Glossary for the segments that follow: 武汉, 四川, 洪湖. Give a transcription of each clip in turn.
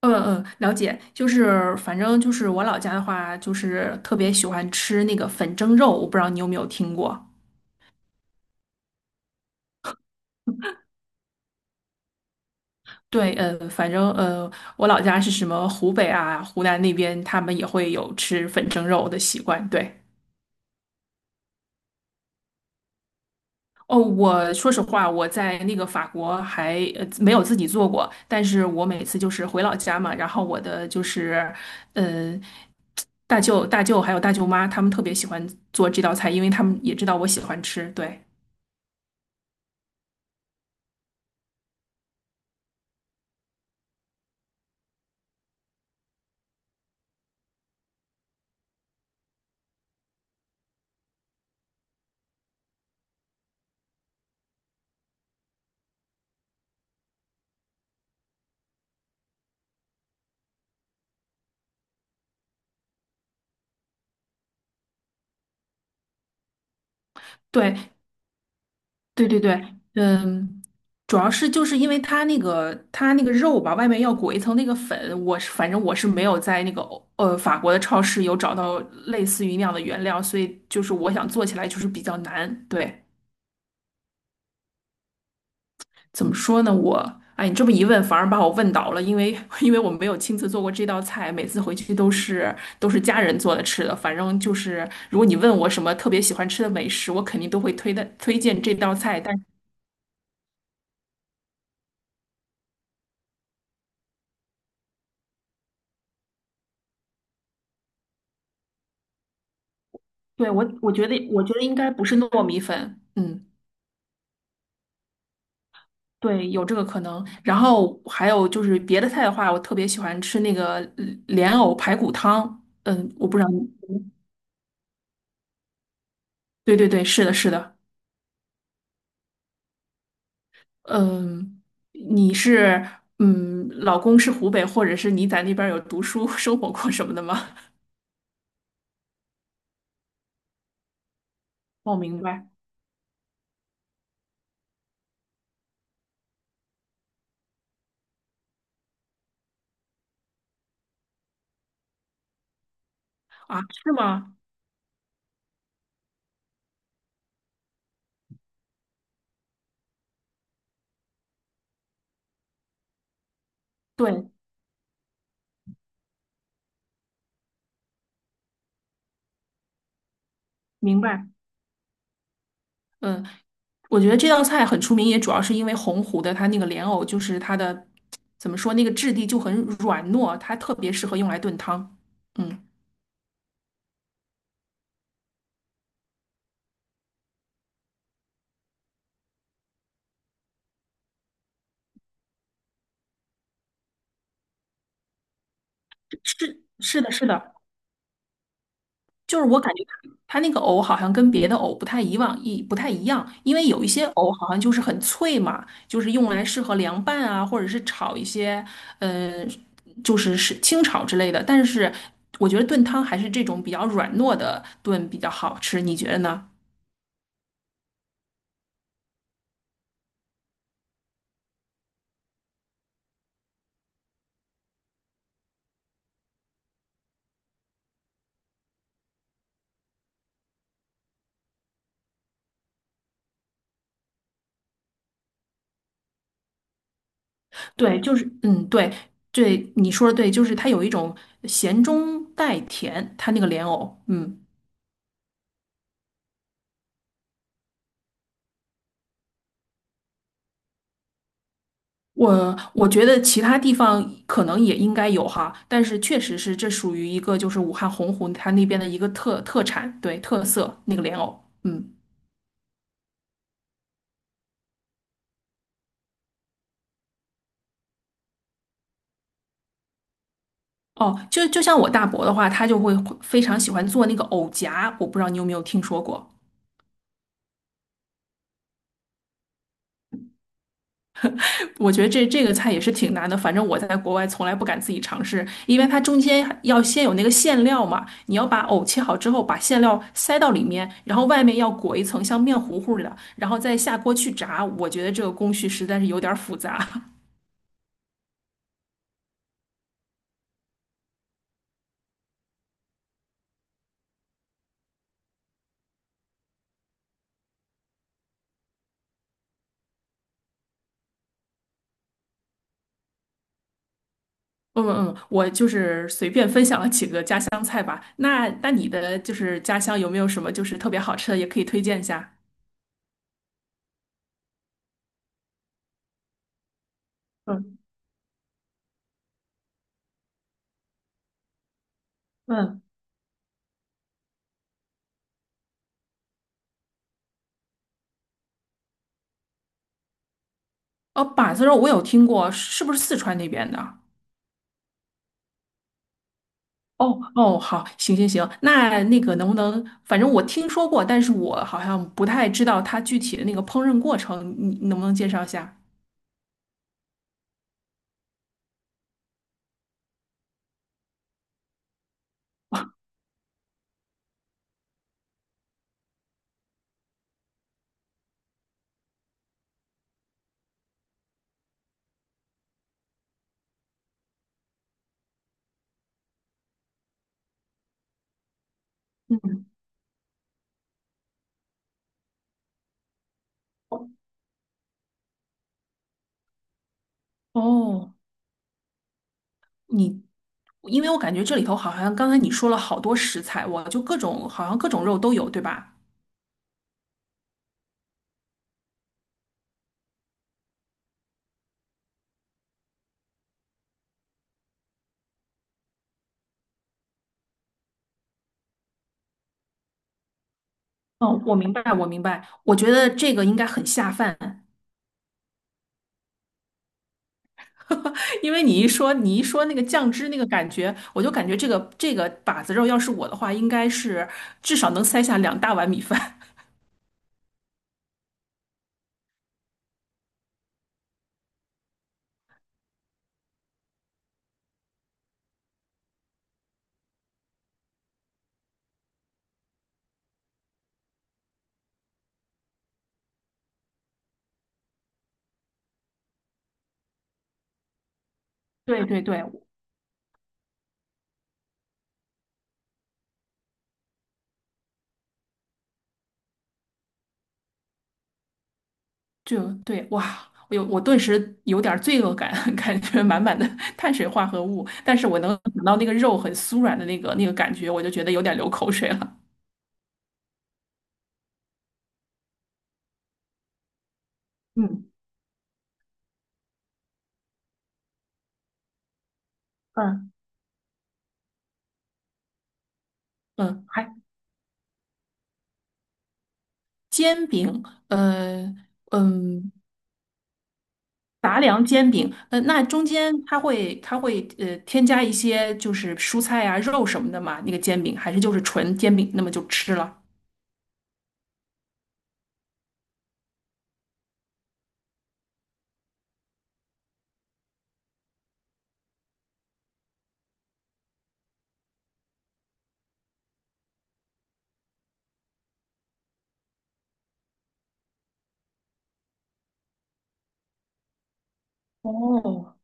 嗯嗯，了解。就是反正就是我老家的话，就是特别喜欢吃那个粉蒸肉，我不知道你有没有听过。对，我老家是什么湖北啊、湖南那边，他们也会有吃粉蒸肉的习惯。对。哦，我说实话，我在那个法国还没有自己做过，但是我每次就是回老家嘛，然后我的就是嗯，大舅还有大舅妈，他们特别喜欢做这道菜，因为他们也知道我喜欢吃。对。对，对对对，嗯，主要是就是因为它那个肉吧，外面要裹一层那个粉，我是没有在那个法国的超市有找到类似于那样的原料，所以就是我想做起来就是比较难。对，怎么说呢？哎，你这么一问，反而把我问倒了，因为 因为我没有亲自做过这道菜，每次回去都是家人做的吃的。反正就是如果你问我什么特别喜欢吃的美食，我肯定都会推荐这道菜。但。对，我觉得应该不是糯米粉。嗯，对，有这个可能。然后还有就是别的菜的话，我特别喜欢吃那个莲藕排骨汤。嗯，我不知道你对对对，是的，是的。嗯，你是嗯，老公是湖北，或者是你在那边儿有读书 生活过什么的吗？哦，明白。啊，是吗？对，明白。嗯，我觉得这道菜很出名，也主要是因为洪湖的它那个莲藕，就是它的怎么说，那个质地就很软糯，它特别适合用来炖汤。嗯，是是的，是的。就是我感觉它那个藕好像跟别的藕不太以往一不太一样，因为有一些藕好像就是很脆嘛，就是用来适合凉拌啊，或者是炒一些嗯，就是清炒之类的。但是我觉得炖汤还是这种比较软糯的炖比较好吃，你觉得呢？对，就是嗯，对对，你说的对，就是它有一种咸中带甜，它那个莲藕。嗯，我觉得其他地方可能也应该有哈，但是确实是这属于一个就是武汉洪湖它那边的一个特产，对，特色那个莲藕。嗯，哦，就就像我大伯的话，他就会非常喜欢做那个藕夹，我不知道你有没有听说过。我觉得这个菜也是挺难的，反正我在国外从来不敢自己尝试，因为它中间还要先有那个馅料嘛，你要把藕切好之后，把馅料塞到里面，然后外面要裹一层像面糊糊的，然后再下锅去炸。我觉得这个工序实在是有点儿复杂。嗯嗯，我就是随便分享了几个家乡菜吧。那你的就是家乡有没有什么就是特别好吃的，也可以推荐一下？嗯嗯，哦，板子肉我有听过，是不是四川那边的？哦哦，好，行行行，那那个能不能，反正我听说过，但是我好像不太知道它具体的那个烹饪过程，你能不能介绍一下？嗯，哦，你，因为我感觉这里头好像刚才你说了好多食材，我就各种好像各种肉都有，对吧？哦，我明白，我明白，我觉得这个应该很下饭。因为你一说那个酱汁那个感觉，我就感觉这个把子肉要是我的话，应该是至少能塞下两大碗米饭。对对对，就对，哇，我顿时有点儿罪恶感，感觉满满的碳水化合物，但是我能想到那个肉很酥软的那个感觉，我就觉得有点流口水了。嗯嗯嗯，还煎饼，呃嗯，杂粮煎饼，呃，那中间它会添加一些就是蔬菜啊、肉什么的嘛，那个煎饼还是就是纯煎饼，那么就吃了。哦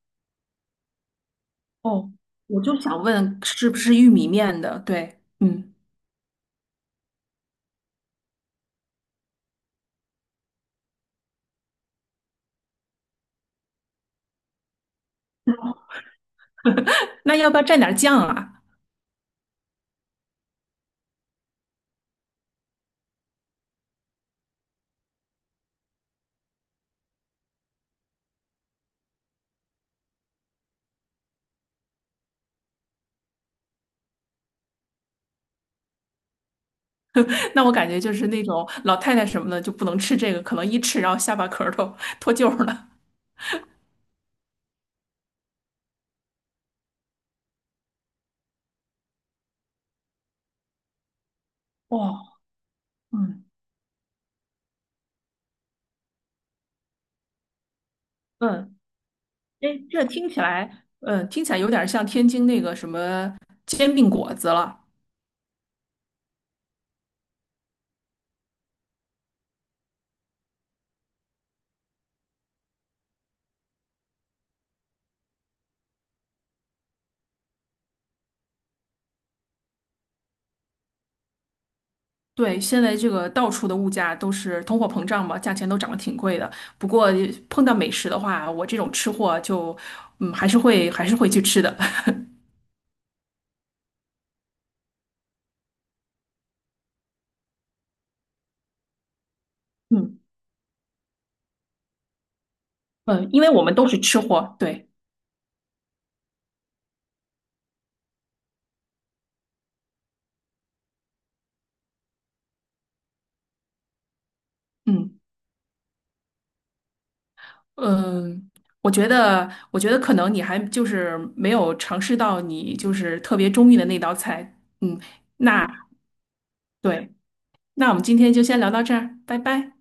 哦，我就想问是不是玉米面的？对，嗯。那要不要蘸点酱啊？那我感觉就是那种老太太什么的就不能吃这个，可能一吃然后下巴壳儿都脱臼儿了。哇，嗯嗯，哎，这听起来，嗯，听起来有点像天津那个什么煎饼果子了。对，现在这个到处的物价都是通货膨胀嘛，价钱都涨得挺贵的。不过碰到美食的话，我这种吃货就，嗯，还是会去吃的。嗯嗯，因为我们都是吃货，对，嗯。嗯，我觉得可能你还就是没有尝试到你就是特别中意的那道菜。嗯，那对，那我们今天就先聊到这儿，拜拜。